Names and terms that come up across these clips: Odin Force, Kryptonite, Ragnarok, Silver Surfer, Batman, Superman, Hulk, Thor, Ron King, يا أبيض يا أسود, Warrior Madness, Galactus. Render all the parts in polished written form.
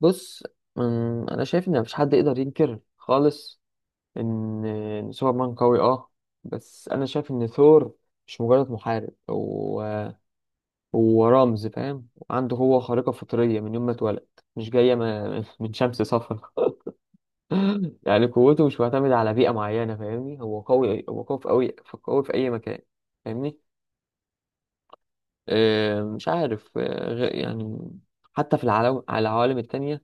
بص. انا شايف ان مفيش حد يقدر ينكر خالص إن سوبرمان قوي، اه. بس انا شايف ان ثور مش مجرد محارب، هو رمز، فاهم؟ عنده هو خارقة فطرية من يوم ما اتولد. مش جاية من من شمس صفرا. يعني قوته مش معتمدة على بيئة معينة، فاهمني؟ هو قوي، هو قوي في أوي، قوي في أي مكان، فاهمني؟ مش عارف، يعني حتى في العالم على العوالم التانية.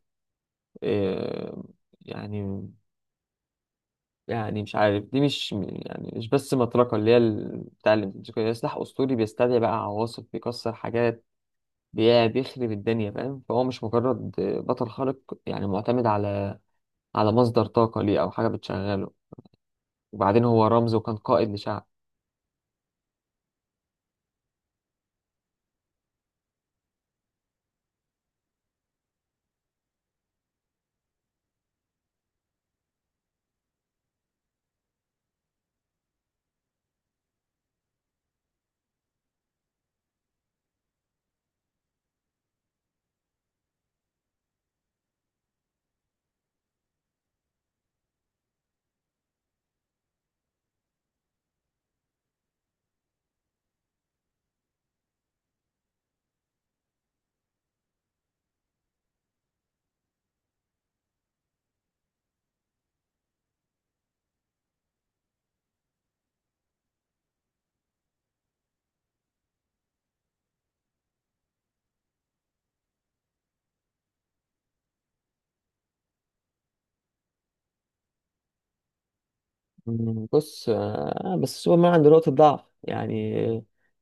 أه، يعني يعني مش عارف، دي مش يعني مش بس مطرقة، اللي هي بتاع الامتزاج، سلاح أسطوري بيستدعي بقى عواصف، بيكسر حاجات، بيخرب الدنيا، فاهم؟ فهو مش مجرد بطل خارق، يعني معتمد على مصدر طاقة ليه أو حاجة بتشغله. وبعدين هو رمز وكان قائد لشعب. مم. بص، بس سوبرمان عنده نقطة ضعف يعني.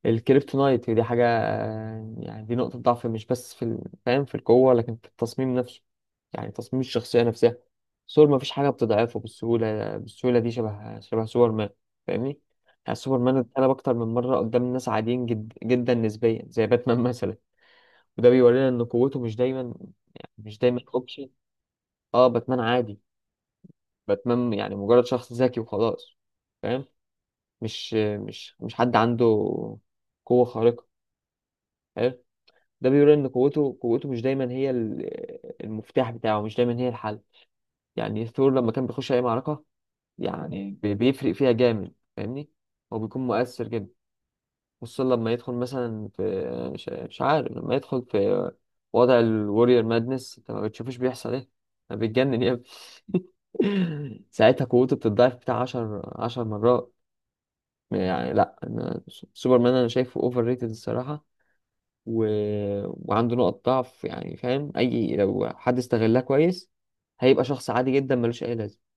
الكريبتونايت دي حاجة، يعني دي نقطة ضعف مش بس في فاهم، في القوة، لكن في التصميم نفسه. يعني تصميم الشخصية نفسها. سور ما فيش حاجة بتضعفه بالسهولة دي شبه سوبرمان، فاهمني؟ يعني سوبرمان اتقلب أكتر من مرة قدام ناس عاديين جد جدا نسبيا، زي باتمان مثلا. وده بيورينا إن قوته مش دايما، يعني مش دايما أوبشن. اه، باتمان عادي. باتمان يعني مجرد شخص ذكي وخلاص، فاهم؟ مش حد عنده قوة خارقة. حلو. ده بيقول ان قوته مش دايما هي المفتاح بتاعه، مش دايما هي الحل. يعني ثور لما كان بيخش اي معركة، يعني بيفرق فيها جامد، فاهمني؟ هو بيكون مؤثر جدا، خصوصا لما يدخل مثلا في، مش عارف، لما يدخل في وضع الوريور مادنس، انت ما بتشوفوش بيحصل ايه. انا بيتجنن يا ابني. ساعتها قوته بتتضاعف بتاع 10 مرات. يعني لا، انا سوبرمان انا شايفه اوفر ريتد الصراحة. و... وعنده نقط ضعف، يعني فاهم، اي لو حد استغلها كويس هيبقى شخص عادي جدا ملوش اي لازمه.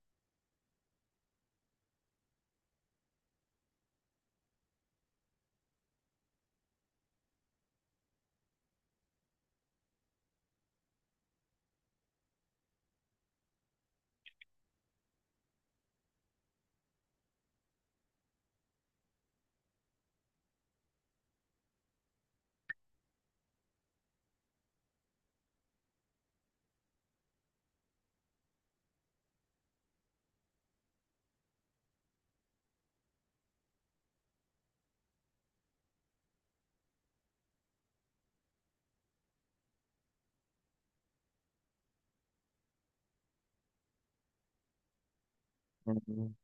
مم.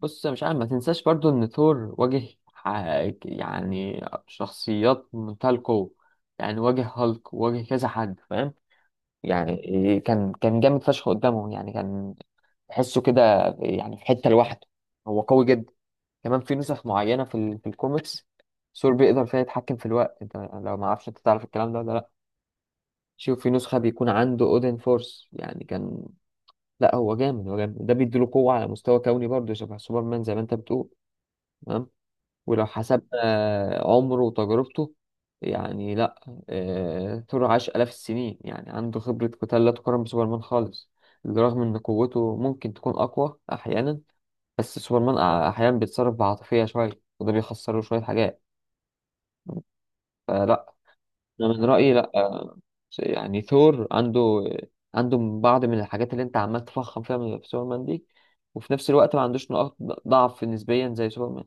بص، مش عارف، ما تنساش برضو ان ثور واجه، يعني شخصيات منتهى القوة. يعني واجه هالك، واجه كذا حد، فاهم؟ يعني كان جامد فشخ قدامه، يعني كان تحسه كده. يعني في حتة لوحده هو قوي جدا. كمان في نسخ معينة في الكوميكس، ثور بيقدر فيها يتحكم في الوقت. انت لو ما عرفش، انت تعرف الكلام ده ولا لا؟ شوف، في نسخة بيكون عنده اودن فورس، يعني كان. لا، هو جامد، هو جامد، ده بيديله قوة على مستوى كوني، برضه شبه سوبرمان زي ما انت بتقول. تمام. ولو حسبنا عمره وتجربته، يعني لا، ثور عاش آلاف السنين، يعني عنده خبرة قتال لا تقارن بسوبرمان خالص. بالرغم ان قوته ممكن تكون اقوى احيانا، بس سوبرمان احيانا بيتصرف بعاطفية شوية. وده بيخسره شوية حاجات. فلا، أنا من رأيي لا. يعني ثور عنده بعض من الحاجات اللي انت عمال تفخم فيها من في سوبرمان دي. وفي نفس الوقت ما عندوش نقاط ضعف نسبيا زي سوبرمان.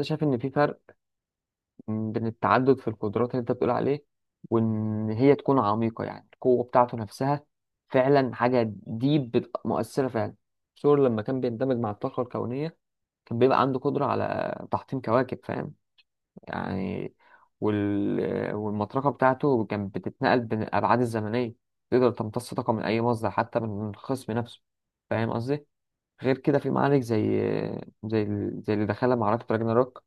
انت شايف ان في فرق بين التعدد في القدرات اللي انت بتقول عليه، وان هي تكون عميقة، يعني القوة بتاعته نفسها؟ فعلا حاجة دي مؤثرة فعلا. ثور لما كان بيندمج مع الطاقة الكونية كان بيبقى عنده قدرة على تحطيم كواكب، فاهم؟ يعني والمطرقة بتاعته كانت بتتنقل بين الأبعاد الزمنية، تقدر تمتص طاقة من أي مصدر حتى من الخصم نفسه. فاهم قصدي؟ غير كده في معارك، زي اللي دخلها، معركة راجناروك.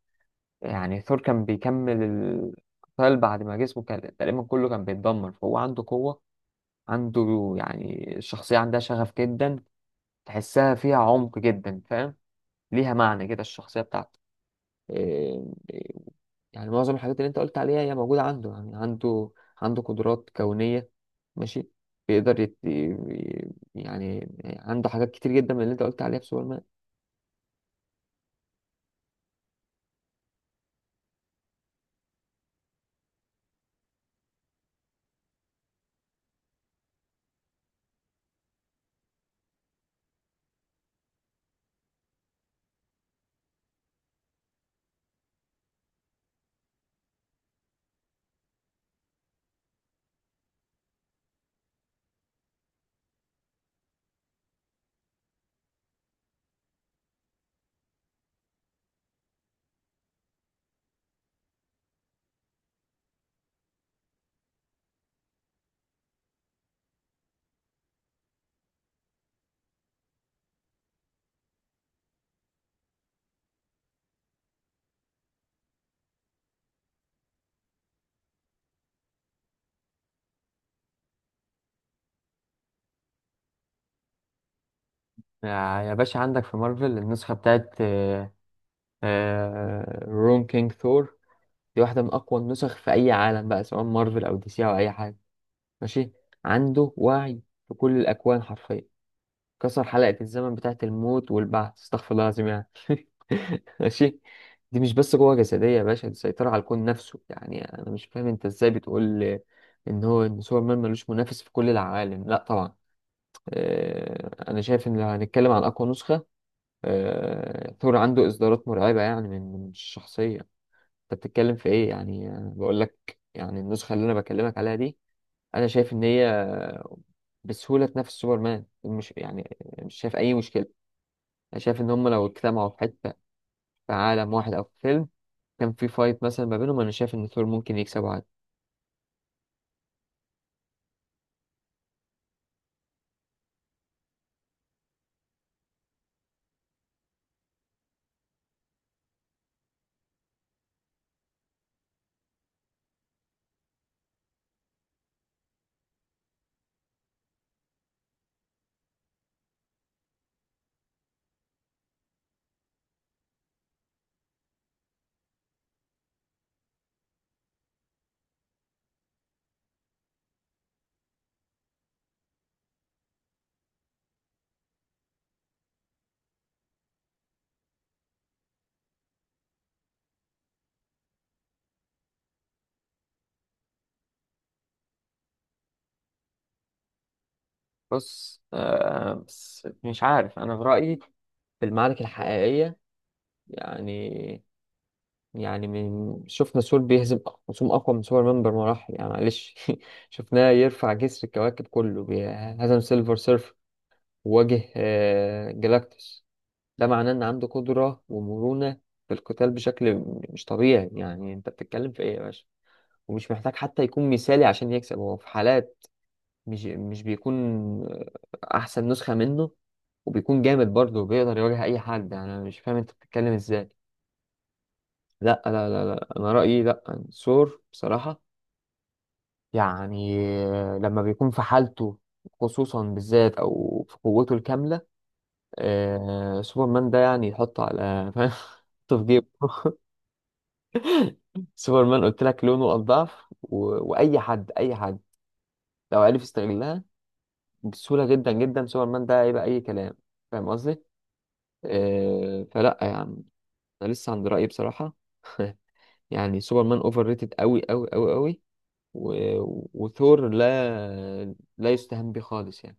يعني ثور كان بيكمل القتال بعد ما جسمه كان تقريبا كله كان بيتدمر، فهو عنده قوة. عنده يعني، الشخصية عندها شغف جدا، تحسها فيها عمق جدا، فاهم؟ ليها معنى كده الشخصية بتاعته، إيه، يعني معظم الحاجات اللي انت قلت عليها هي موجودة عنده، يعني عنده قدرات كونية. ماشي، بيقدر يعني عنده حاجات كتير جدا من اللي انت قلت عليها في سوبرمان. يا يا باشا، عندك في مارفل النسخة بتاعت رون كينج ثور. دي واحدة من أقوى النسخ في أي عالم بقى، سواء مارفل أو دي سي أو أي حاجة، ماشي. عنده وعي في كل الأكوان حرفيا. كسر حلقة الزمن بتاعة الموت والبعث، استغفر الله العظيم، يعني. ماشي، دي مش بس قوة جسدية يا باشا، دي سيطرة على الكون نفسه. يعني أنا مش فاهم أنت إزاي بتقول إن سوبرمان ملوش منافس في كل العوالم. لا طبعا. أنا شايف إن لو هنتكلم عن أقوى نسخة، ثور عنده إصدارات مرعبة يعني من الشخصية. أنت بتتكلم في إيه؟ يعني أنا بقول لك، يعني النسخة اللي أنا بكلمك عليها دي، أنا شايف إن هي بسهولة تنافس سوبرمان، مش يعني، مش شايف أي مشكلة. انا شايف ان هم لو اجتمعوا في حته، في عالم واحد او في فيلم، كان في فايت مثلا ما بينهم، انا شايف ان ثور ممكن يكسبه عادي. بص، بس مش عارف، انا في رايي، في المعارك الحقيقيه، يعني يعني من شفنا ثور بيهزم خصوم اقوى من سوبر مان بمراحل، يعني معلش. شفناه يرفع جسر الكواكب كله، هزم سيلفر سيرف، وواجه جلاكتوس. ده معناه ان عنده قدره ومرونه في القتال بشكل مش طبيعي، يعني انت بتتكلم في ايه يا باشا؟ ومش محتاج حتى يكون مثالي عشان يكسب، هو في حالات مش بيكون احسن نسخة منه، وبيكون جامد برضه وبيقدر يواجه اي حد، يعني انا مش فاهم انت بتتكلم ازاي. لا، لا، لا، لا، انا رأيي لا، سور بصراحة، يعني لما بيكون في حالته، خصوصا بالذات او في قوته الكاملة، سوبرمان ده يعني يحط على فاهم، يحطه في جيبه. سوبرمان قلت لك لونه الضعف، و... واي حد لو عرف يستغلها بسهولة جدا جدا، سوبرمان ده هيبقى أي كلام. فاهم قصدي؟ فلا يعني، أنا لسه عند رأيي بصراحة. يعني سوبرمان أوفر ريتد أوي أوي أوي أوي. و... وثور، لا لا يستهان بيه خالص، يعني.